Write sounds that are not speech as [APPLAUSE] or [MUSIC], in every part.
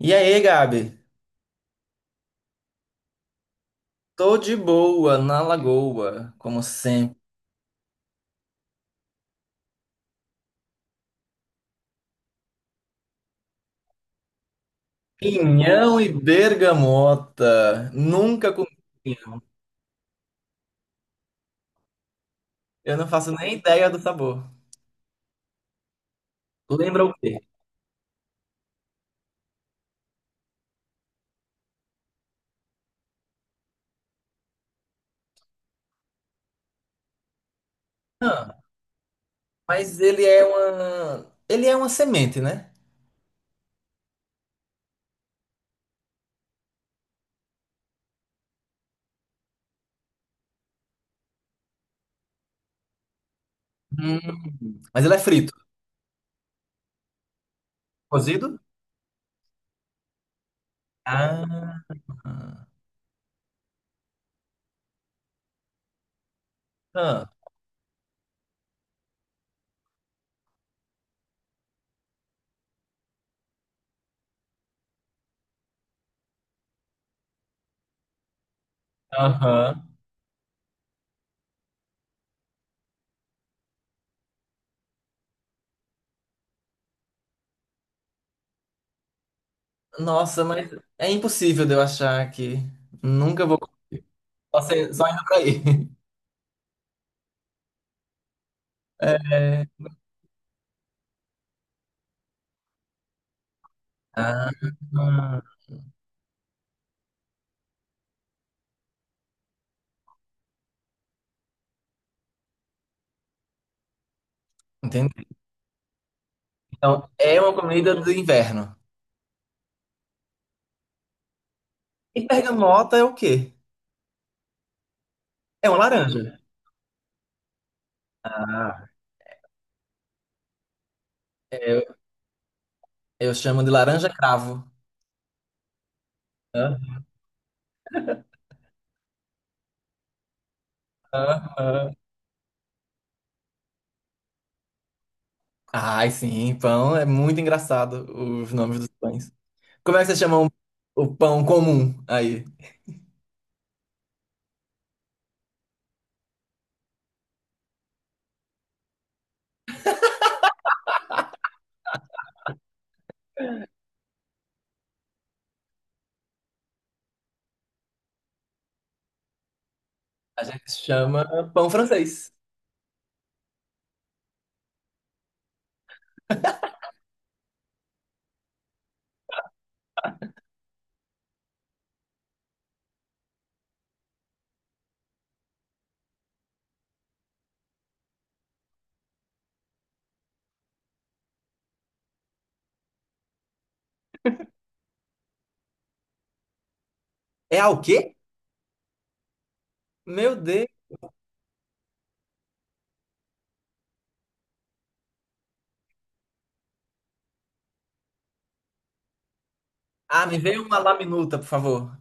E aí, Gabi? Tô de boa na lagoa, como sempre. Pinhão e bergamota. Nunca comi. Eu não faço nem ideia do sabor. Lembra o quê? Ah, mas ele é uma. Ele é uma semente, né? Hum. Mas ele é frito. Cozido? Ah. Ah. Aham. Nossa, mas é impossível de eu achar aqui. Nunca vou. Só se- Só indo pra aí. [LAUGHS] É. Ah. Entendi. Então, é uma comida do inverno. E bergamota é o quê? É uma laranja. Ah, eu, eu chamo de laranja cravo. Hã? Hã? Hã? Ai, sim, pão. É muito engraçado os nomes dos pães. Como é que vocês chamam o pão comum aí? A gente chama pão francês. É ao quê? Meu Deus. Ah, me veio uma laminuta, por favor.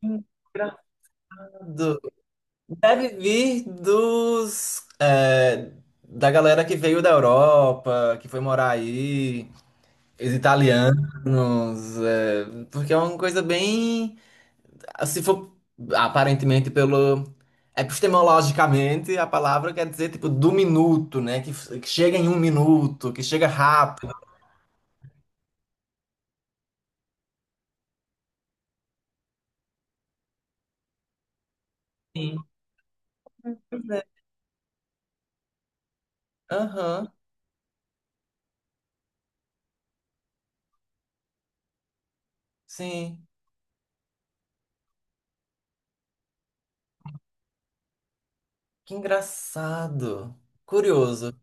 Que engraçado. Deve vir dos, é, da galera que veio da Europa, que foi morar aí, os italianos, é, porque é uma coisa bem, se for aparentemente pelo epistemologicamente, a palavra quer dizer tipo do minuto, né? Que chega em um minuto, que chega rápido. Aham, sim. Que engraçado. Curioso.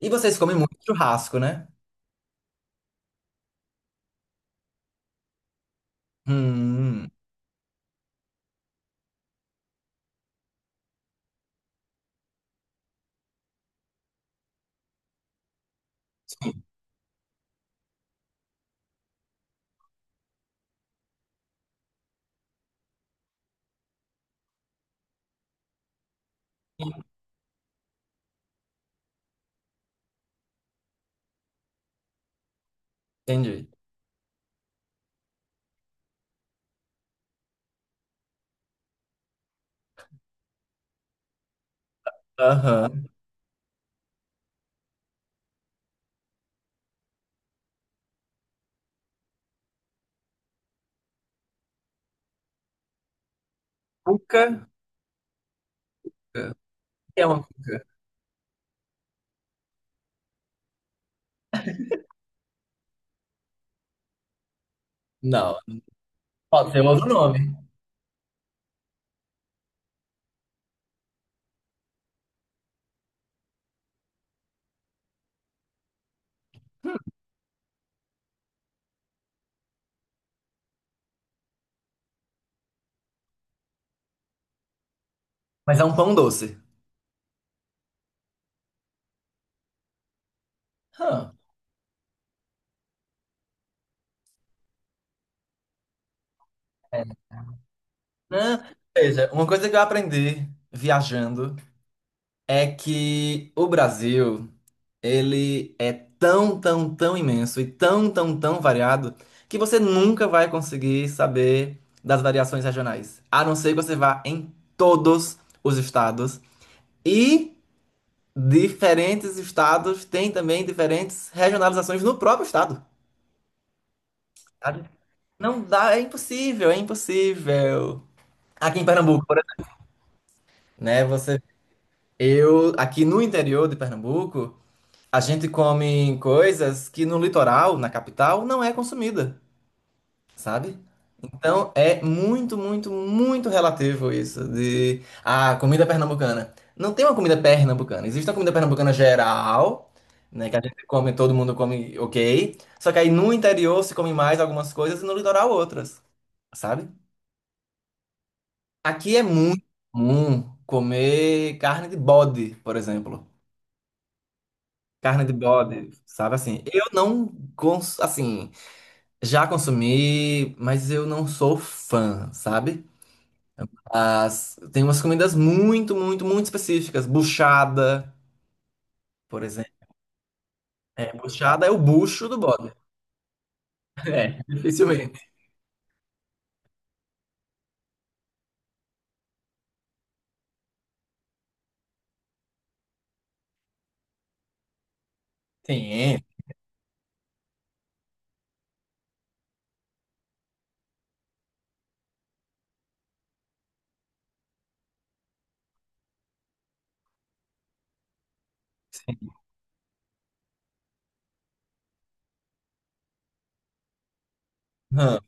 E vocês comem muito churrasco, né? Hum, entendi. Aham. Cuca é um... Não, pode ser um outro nome, mas é um pão doce. Hã, é, né? Veja, uma coisa que eu aprendi viajando é que o Brasil, ele é tão, tão, tão imenso e tão, tão, tão variado que você nunca vai conseguir saber das variações regionais, a não ser que você vá em todos os estados e diferentes estados têm também diferentes regionalizações no próprio estado. Não dá, é impossível, é impossível. Aqui em Pernambuco, por exemplo, né? Eu, aqui no interior de Pernambuco, a gente come coisas que no litoral, na capital, não é consumida, sabe? Então é muito, muito, muito relativo isso de a comida pernambucana. Não tem uma comida pernambucana. Existe uma comida pernambucana geral, né? Que a gente come, todo mundo come, ok. Só que aí no interior se come mais algumas coisas e no litoral outras, sabe? Aqui é muito comum comer carne de bode, por exemplo. Carne de bode, sabe assim? Eu não, cons assim, já consumi, mas eu não sou fã, sabe? As, tem umas comidas muito, muito, muito específicas. Buchada, por exemplo. É, buchada é o bucho do bode. [LAUGHS] É, dificilmente. Tem, sim. Aham.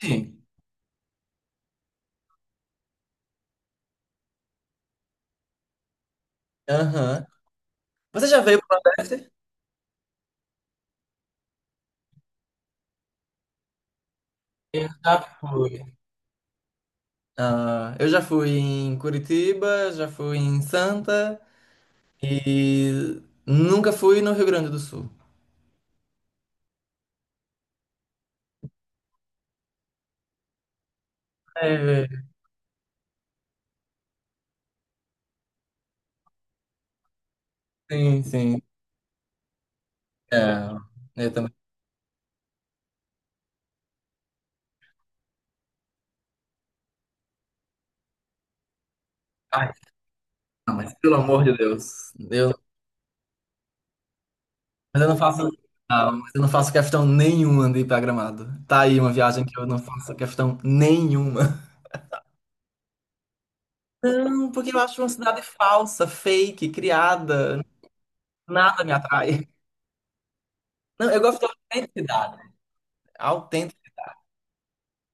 Sim. Aham. Você já veio pro Nordeste? Eu já fui. Ah, eu já fui em Curitiba, já fui em Santa e nunca fui no Rio Grande do Sul. É, sim, sim. É, eu também. Ai, não, mas pelo amor de Deus. Mas eu não faço, não, mas eu não faço questão nenhuma de ir pra Gramado. Tá aí uma viagem que eu não faço questão nenhuma. Não, porque eu acho uma cidade falsa, fake, criada. Nada me atrai. Não, eu gosto da autenticidade. Autêntica,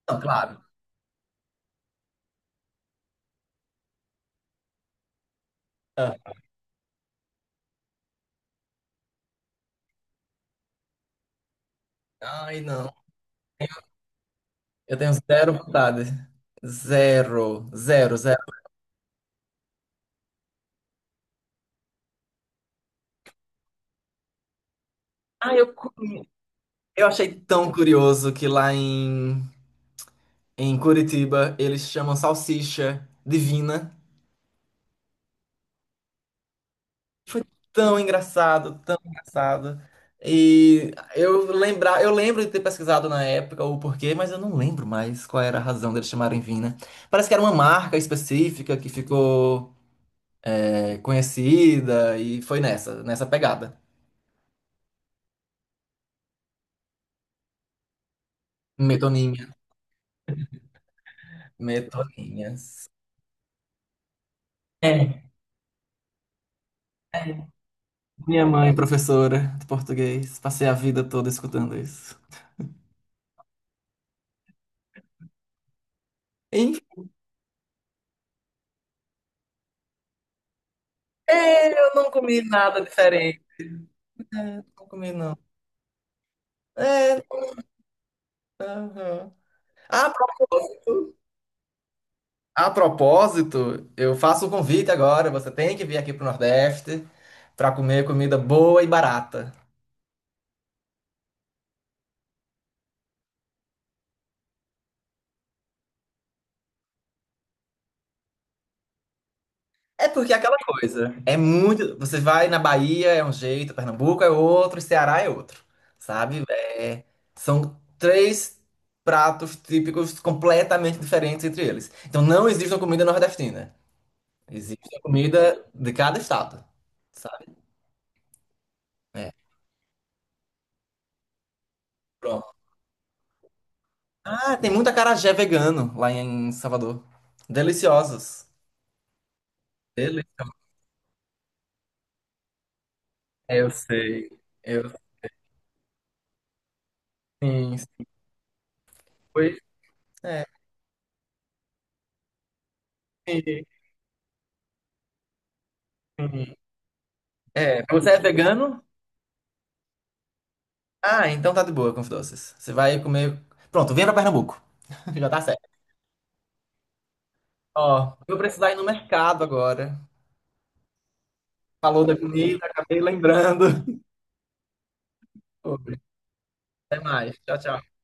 não, claro. Ah, ai, não. Eu tenho zero vontade. Zero, zero, zero. Ah, eu comi. Eu achei tão curioso que lá em Curitiba eles chamam salsicha divina. Foi tão engraçado, tão engraçado. E eu lembro de ter pesquisado na época o porquê, mas eu não lembro mais qual era a razão deles chamarem Vina. Parece que era uma marca específica que ficou é, conhecida e foi nessa pegada. Metoninha, metoninhas. É. Minha mãe, professora de português, passei a vida toda escutando isso. Enfim, eu não comi nada diferente. Não comi, não. É, aham. A propósito, a propósito, eu faço um convite agora. Você tem que vir aqui pro Nordeste para comer comida boa e barata. É porque é aquela coisa. É muito. Você vai na Bahia, é um jeito, Pernambuco é outro, Ceará é outro. Sabe? É, são três pratos típicos completamente diferentes entre eles. Então não existe uma comida nordestina. Existe uma comida de cada estado. Sabe? É. Pronto. Ah, tem muita acarajé vegano lá em Salvador. Deliciosos. Deliciosos. Eu sei. Eu sim. Pois é. Sim, sim. É, você é vegano? Ah, então tá de boa com os doces. Você vai comer. Pronto, vem pra Pernambuco. [LAUGHS] Já tá certo. Ó, eu vou precisar ir no mercado agora. Falou da comida, acabei lembrando. [LAUGHS] Até mais. Tchau, tchau.